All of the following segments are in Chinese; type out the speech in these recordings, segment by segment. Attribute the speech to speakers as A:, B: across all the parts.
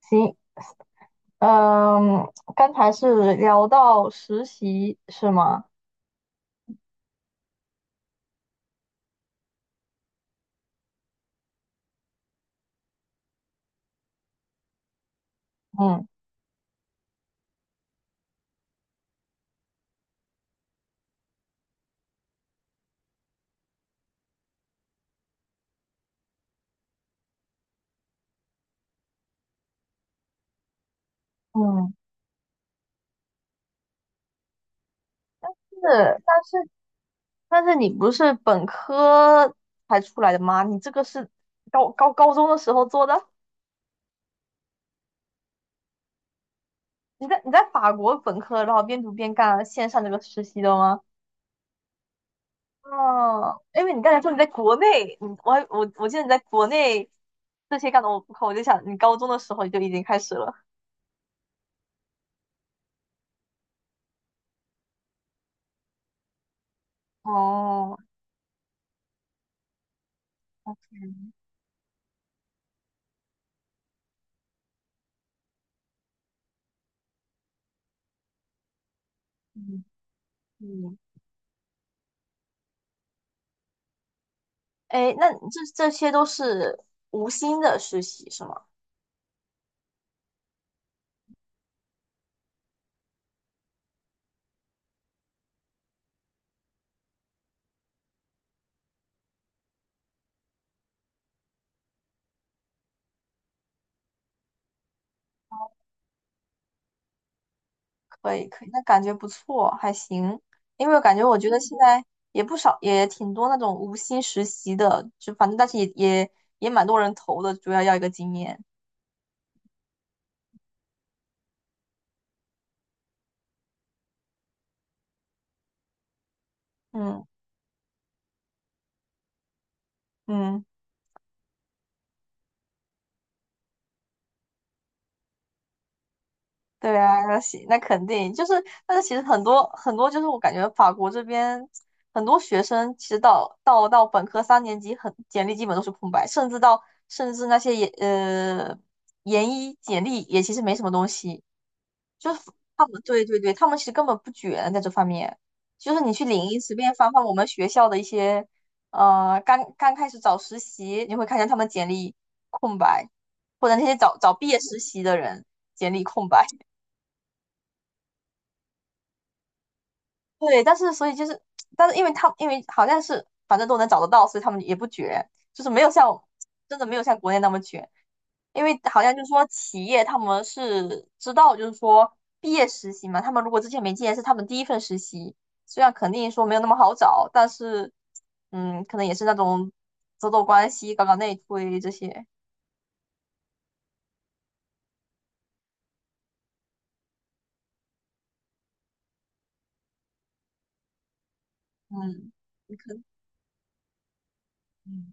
A: 行，嗯，刚才是聊到实习是吗？嗯嗯，是，但是但是你不是本科才出来的吗？你这个是高中的时候做的？你在法国本科，然后边读边干线上这个实习的吗？哦，因为你刚才说你在国内，我还记得你在国内这些干的我不靠，我就想你高中的时候就已经开始了。哦，嗯嗯。哎，那这些都是无薪的实习是吗？可以，可以，那感觉不错，还行。因为我感觉，我觉得现在也不少，也挺多那种无薪实习的，就反正但是也蛮多人投的，主要要一个经验。嗯嗯。对啊，那行，那肯定就是，但是其实很多就是我感觉法国这边很多学生其实到本科三年级很简历基本都是空白，甚至那些研一简历也其实没什么东西，就是他们对对对，他们其实根本不卷在这方面，就是你去领英随便翻翻我们学校的一些刚刚开始找实习，你会看见他们简历空白，或者那些找找毕业实习的人简历空白。对，但是所以就是，但是因为他因为好像是反正都能找得到，所以他们也不卷，就是没有像真的没有像国内那么卷，因为好像就是说企业他们是知道，就是说毕业实习嘛，他们如果之前没经验是他们第一份实习，虽然肯定说没有那么好找，但是嗯，可能也是那种走走关系、搞搞内推这些，嗯，你可嗯，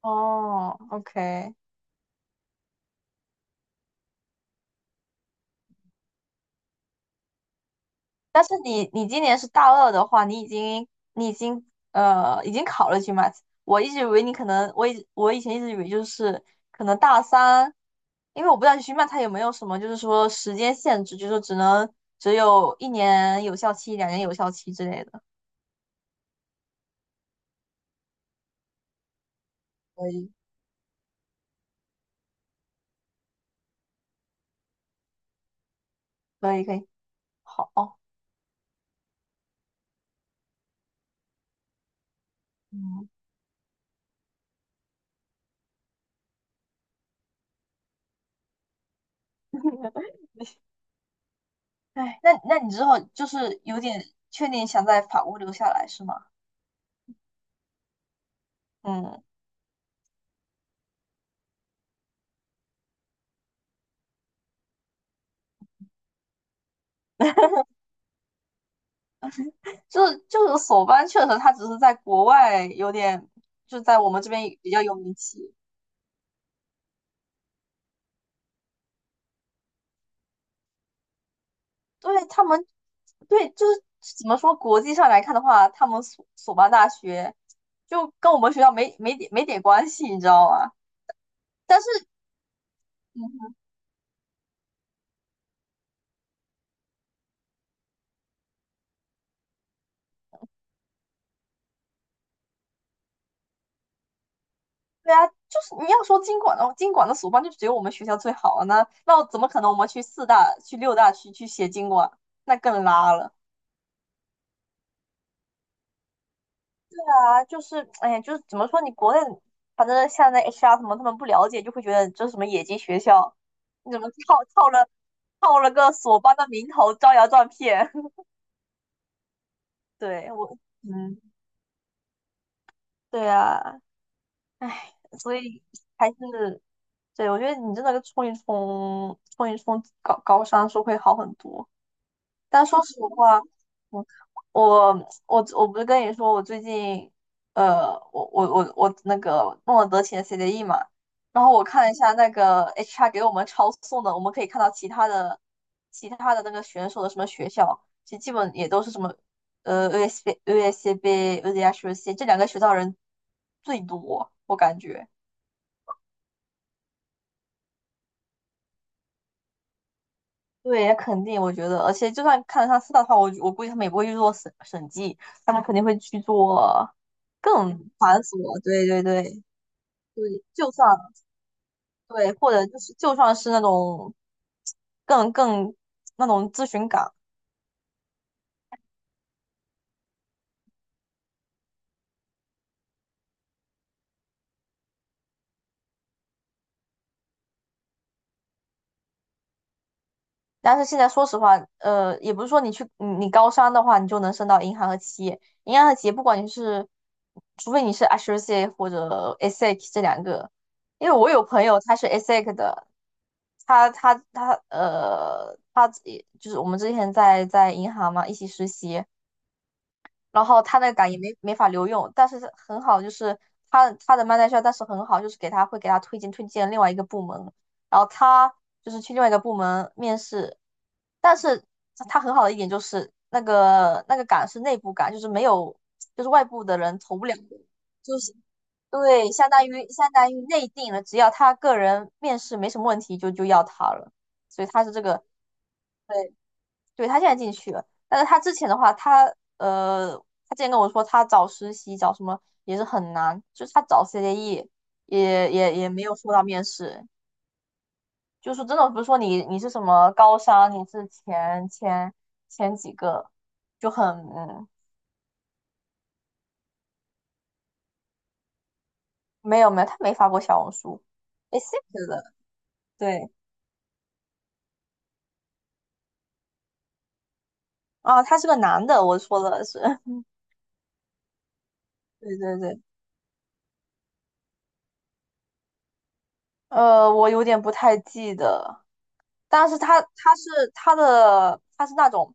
A: 哦，OK。但是你你今年是大二的话，你已经已经考了 GMAT，我一直以为你可能我以前一直以为就是可能大三，因为我不知道 GMAT 它有没有什么就是说时间限制，就是说只能只有一年有效期、两年有效期之类的。可以，可以，可以，好，嗯，哎，那那你之后就是有点确定想在法国留下来是吗？嗯。就是索邦确实，它只是在国外有点，就在我们这边比较有名气。对他们，对就是怎么说，国际上来看的话，他们索邦大学就跟我们学校没点关系，你知道吗？但是，嗯，对啊，就是你要说经管的，经管的索邦就只有我们学校最好啊，那怎么可能我们去四大、去六大去写经管，那更拉了。啊，就是哎呀，就是怎么说，你国内反正现在 HR 什么他们不了解，就会觉得这是什么野鸡学校，你怎么套了个索邦的名头招摇撞骗？对我，嗯，对啊，哎，所以还是对我觉得你真的冲一冲高商是会好很多。但说实话，我我我不是跟你说，我最近我那个诺德奇的 CDE 嘛，然后我看了一下那个 HR 给我们抄送的，我们可以看到其他的那个选手的什么学校，其实基本也都是什么USB、USB c B、UDHC 这两个学校人最多，我感觉。对，肯定，我觉得，而且就算看得上四大的话，我估计他们也不会去做审计，他们肯定会去做更繁琐。对对对对，就算对，或者就是就算是那种 更更那种咨询岗，但是现在说实话，呃，也不是说你去你你高商的话，你就能升到银行和企业。银行和企业，不管你是，除非你是 a s o c i a t e 或者 e x c 这两个，因为我有朋友他是 exec 的，他也就是我们之前在银行嘛一起实习，然后他那个岗也没法留用，但是很好，就是他的 m a n 但是很好，就是给他会给他推荐另外一个部门，然后他就是去另外一个部门面试，但是他很好的一点就是那个岗是内部岗，就是没有就是外部的人投不了，就是对，相当于内定了，只要他个人面试没什么问题就要他了，所以他是这个。对对，他现在进去了，但是他之前的话，呃，他之前跟我说他找实习找什么也是很难，就是他找 CDE 也没有说到面试，就是真的不是说你你是什么高商，你是前几个，就很嗯，没有没有，他没发过小红书 a c c 的，对，啊，他是个男的，我说的是，对对对，我有点不太记得。但是他是那种，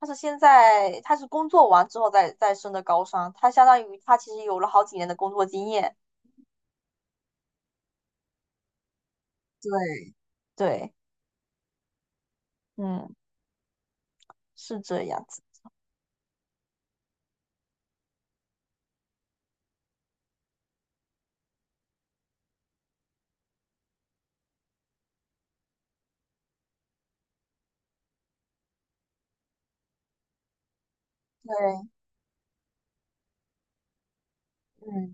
A: 他是现在他是工作完之后再升的高商，他相当于他其实有了好几年的工作经验。对，对，嗯，是这样子。对，嗯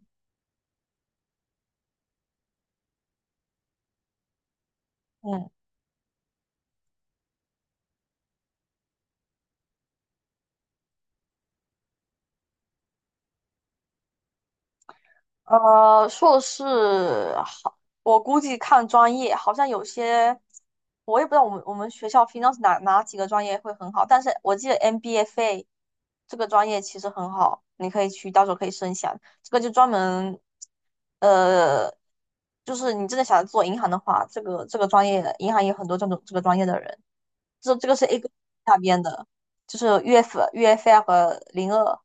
A: 嗯。呃，硕士好，我估计看专业，好像有些我也不知道我们学校 finance 哪几个专业会很好，但是我记得 MBFA 这个专业其实很好，你可以去到时候可以申请。这个就专门呃，就是你真的想做银行的话，这个这个专业银行也有很多这种这个专业的人，这个是 A 股那边的，就是 UF UFI 和02，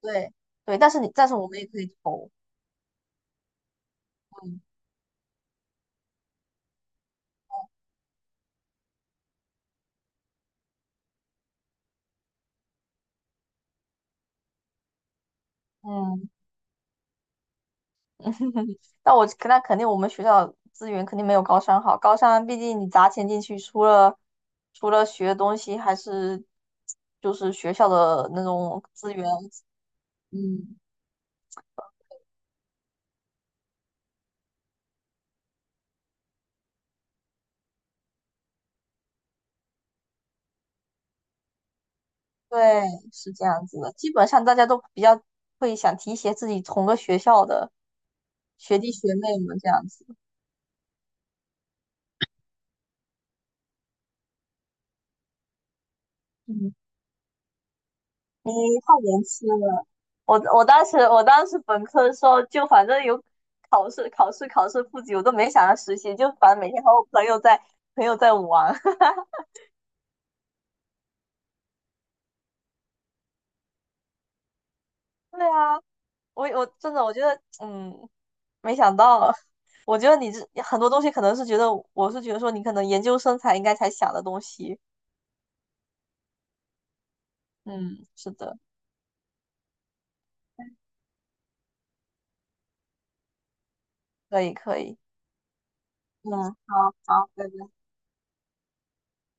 A: 对对，但是我们也可以投，嗯。嗯，那我那肯定我们学校资源肯定没有高三好，高三毕竟你砸钱进去，除了学的东西，还是就是学校的那种资源，嗯，对，是这样子的。基本上大家都比较会想提携自己同个学校的学弟学妹们这样子，嗯，你太年轻了。我当时本科的时候，就反正有考试复习，我都没想着实习，就反正每天和我朋友在玩。对啊，我真的我觉得，嗯，没想到啊，我觉得你这很多东西可能是觉得，我是觉得说你可能研究生才应该才想的东西。嗯，是的，可以可以，嗯，好好，拜拜。